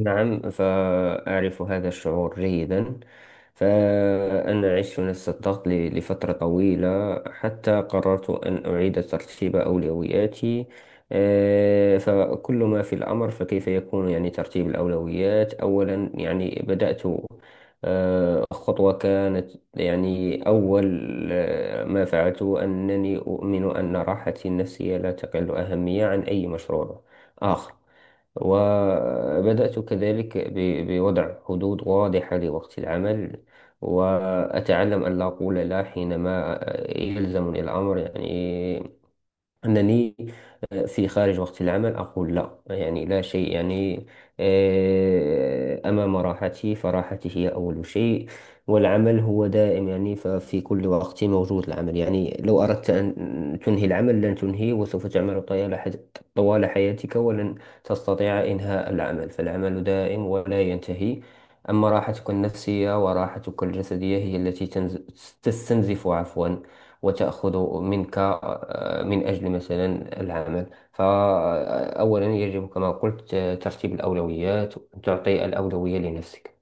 نعم، فأعرف هذا الشعور جيدا. فأنا عشت نفس الضغط لفترة طويلة حتى قررت أن أعيد ترتيب أولوياتي. فكل ما في الأمر، فكيف يكون ترتيب الأولويات. أولا بدأت، خطوة كانت أول ما فعلته أنني أؤمن أن راحتي النفسية لا تقل أهمية عن أي مشروع آخر. وبدأت كذلك بوضع حدود واضحة لوقت العمل، وأتعلم أن لا أقول لا حينما يلزمني الأمر. أنني في خارج وقت العمل أقول لا. لا شيء أمام راحتي، فراحتي هي أول شيء. والعمل هو دائم، ففي كل وقت موجود العمل. لو أردت أن تنهي العمل لن تنهيه، وسوف تعمل طوال طوال حياتك ولن تستطيع إنهاء العمل. فالعمل دائم ولا ينتهي. أما راحتك النفسية وراحتك الجسدية هي التي تستنزف، عفوا، وتأخذ منك من أجل مثلا العمل. فأولا يجب كما قلت ترتيب الأولويات، تعطي الأولوية لنفسك.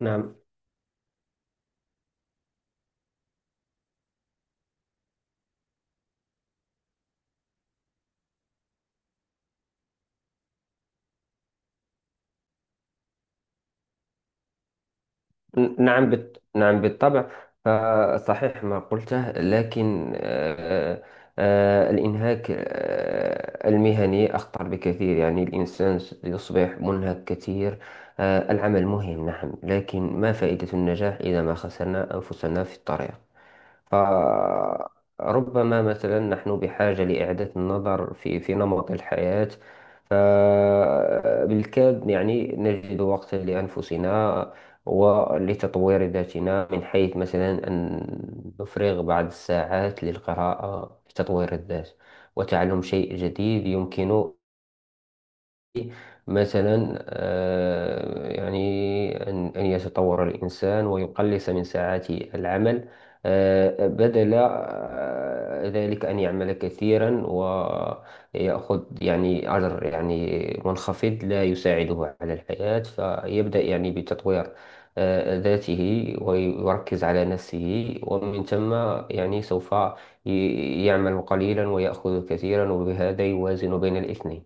نعم. نعم، نعم بالطبع. فصحيح ما قلته، لكن الإنهاك المهني أخطر بكثير. الإنسان يصبح منهك كثير. العمل مهم نعم، لكن ما فائدة النجاح إذا ما خسرنا أنفسنا في الطريق؟ فربما مثلا نحن بحاجة لإعادة النظر في نمط الحياة. فبالكاد نجد وقتا لأنفسنا ولتطوير ذاتنا، من حيث مثلا أن نفرغ بعض الساعات للقراءة، لتطوير الذات وتعلم شيء جديد. يمكن مثلا أن يتطور الإنسان ويقلص من ساعات العمل بدل ذلك أن يعمل كثيرا ويأخذ أجر منخفض لا يساعده على الحياة. فيبدأ بتطوير ذاته ويركز على نفسه، ومن ثم سوف يعمل قليلا ويأخذ كثيرا، وبهذا يوازن بين الاثنين.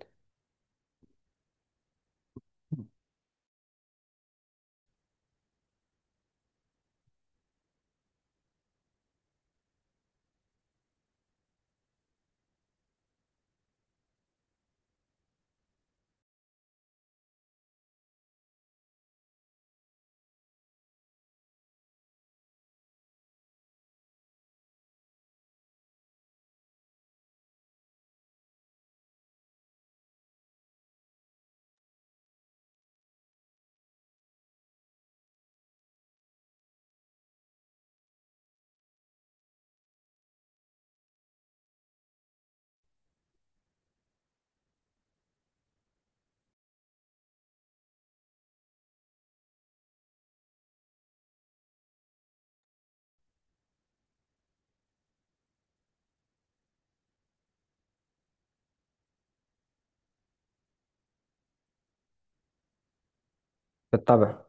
بالطبع،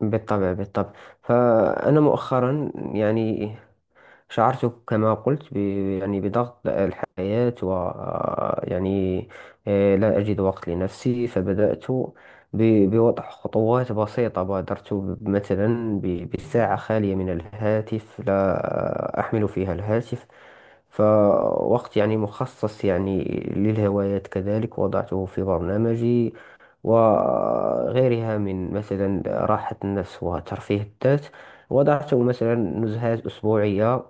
بالطبع، بالطبع. فأنا مؤخرا شعرت كما قلت ب... يعني بضغط الحياة، و يعني آه، لا أجد وقت لنفسي. فبدأت بوضع خطوات بسيطة. بادرت بساعة خالية من الهاتف لا أحمل فيها الهاتف، فوقت مخصص للهوايات كذلك وضعته في برنامجي، وغيرها من مثلا راحة النفس وترفيه الذات، وضعت مثلا نزهات أسبوعية.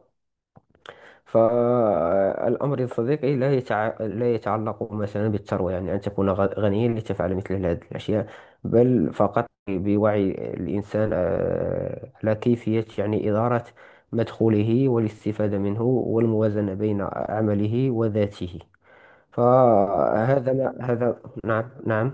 فالأمر يا صديقي لا يتعلق مثلا بالثروة، أن تكون غنيا لتفعل مثل هذه الأشياء، بل فقط بوعي الإنسان على كيفية إدارة مدخوله والاستفادة منه والموازنة بين عمله وذاته. فهذا ما هذا نعم، نعم،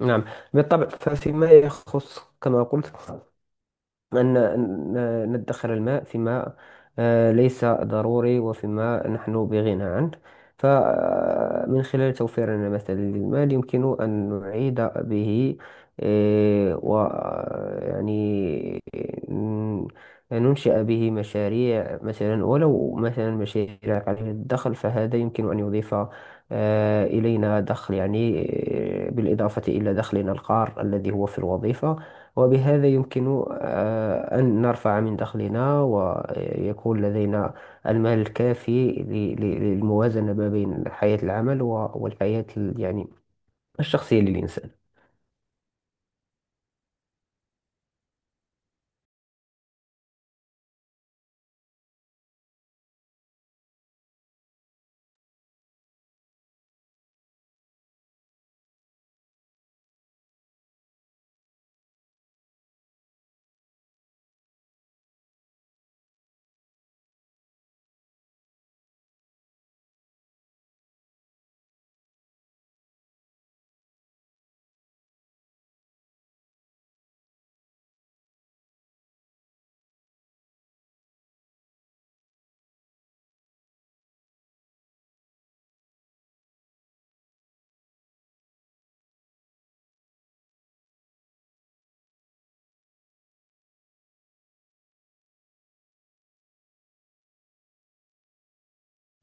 نعم. بالطبع. فيما يخص كما قلت، أن ندخر الماء فيما ليس ضروري، وفيما نحن بغنى عنه. فمن خلال توفيرنا مثلا للمال يمكن أن نعيد به آه، ويعني ن- ننشئ به مشاريع، مثلا ولو مثلا مشاريع قليلة الدخل، فهذا يمكن أن يضيف إلينا دخل بالإضافة إلى دخلنا القار الذي هو في الوظيفة. وبهذا يمكن أن نرفع من دخلنا ويكون لدينا المال الكافي للموازنة ما بين حياة العمل والحياة الشخصية للإنسان.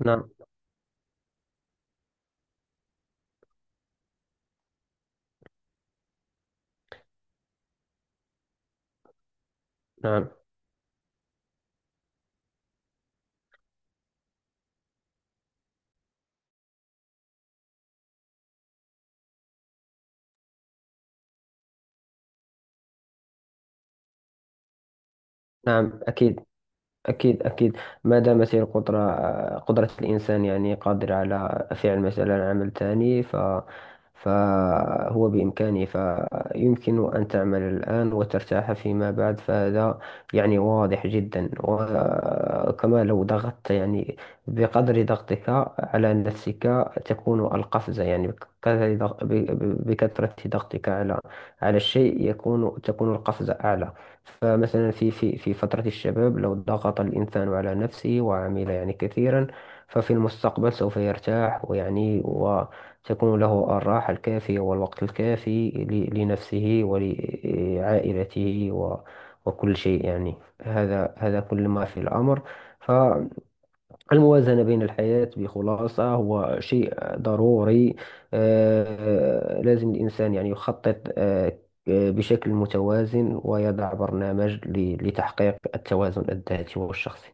نعم، نعم، نعم، أكيد، أكيد، أكيد. ما دامت هي القدرة، قدرة الإنسان، قادر على فعل مثلا عمل تاني، فهو بإمكانه، فيمكن أن تعمل الآن وترتاح فيما بعد. فهذا واضح جدا. وكما لو ضغطت، بقدر ضغطك على نفسك تكون القفزة. بكثرة بكثرة ضغطك على على الشيء تكون القفزة أعلى. فمثلا في فترة الشباب لو ضغط الإنسان على نفسه وعمل كثيرا، ففي المستقبل سوف يرتاح وتكون له الراحة الكافية والوقت الكافي لنفسه ولعائلته وكل شيء. هذا كل ما في الأمر. الموازنة بين الحياة بخلاصة هو شيء ضروري. لازم الإنسان يخطط بشكل متوازن، ويضع برنامج لتحقيق التوازن الذاتي والشخصي.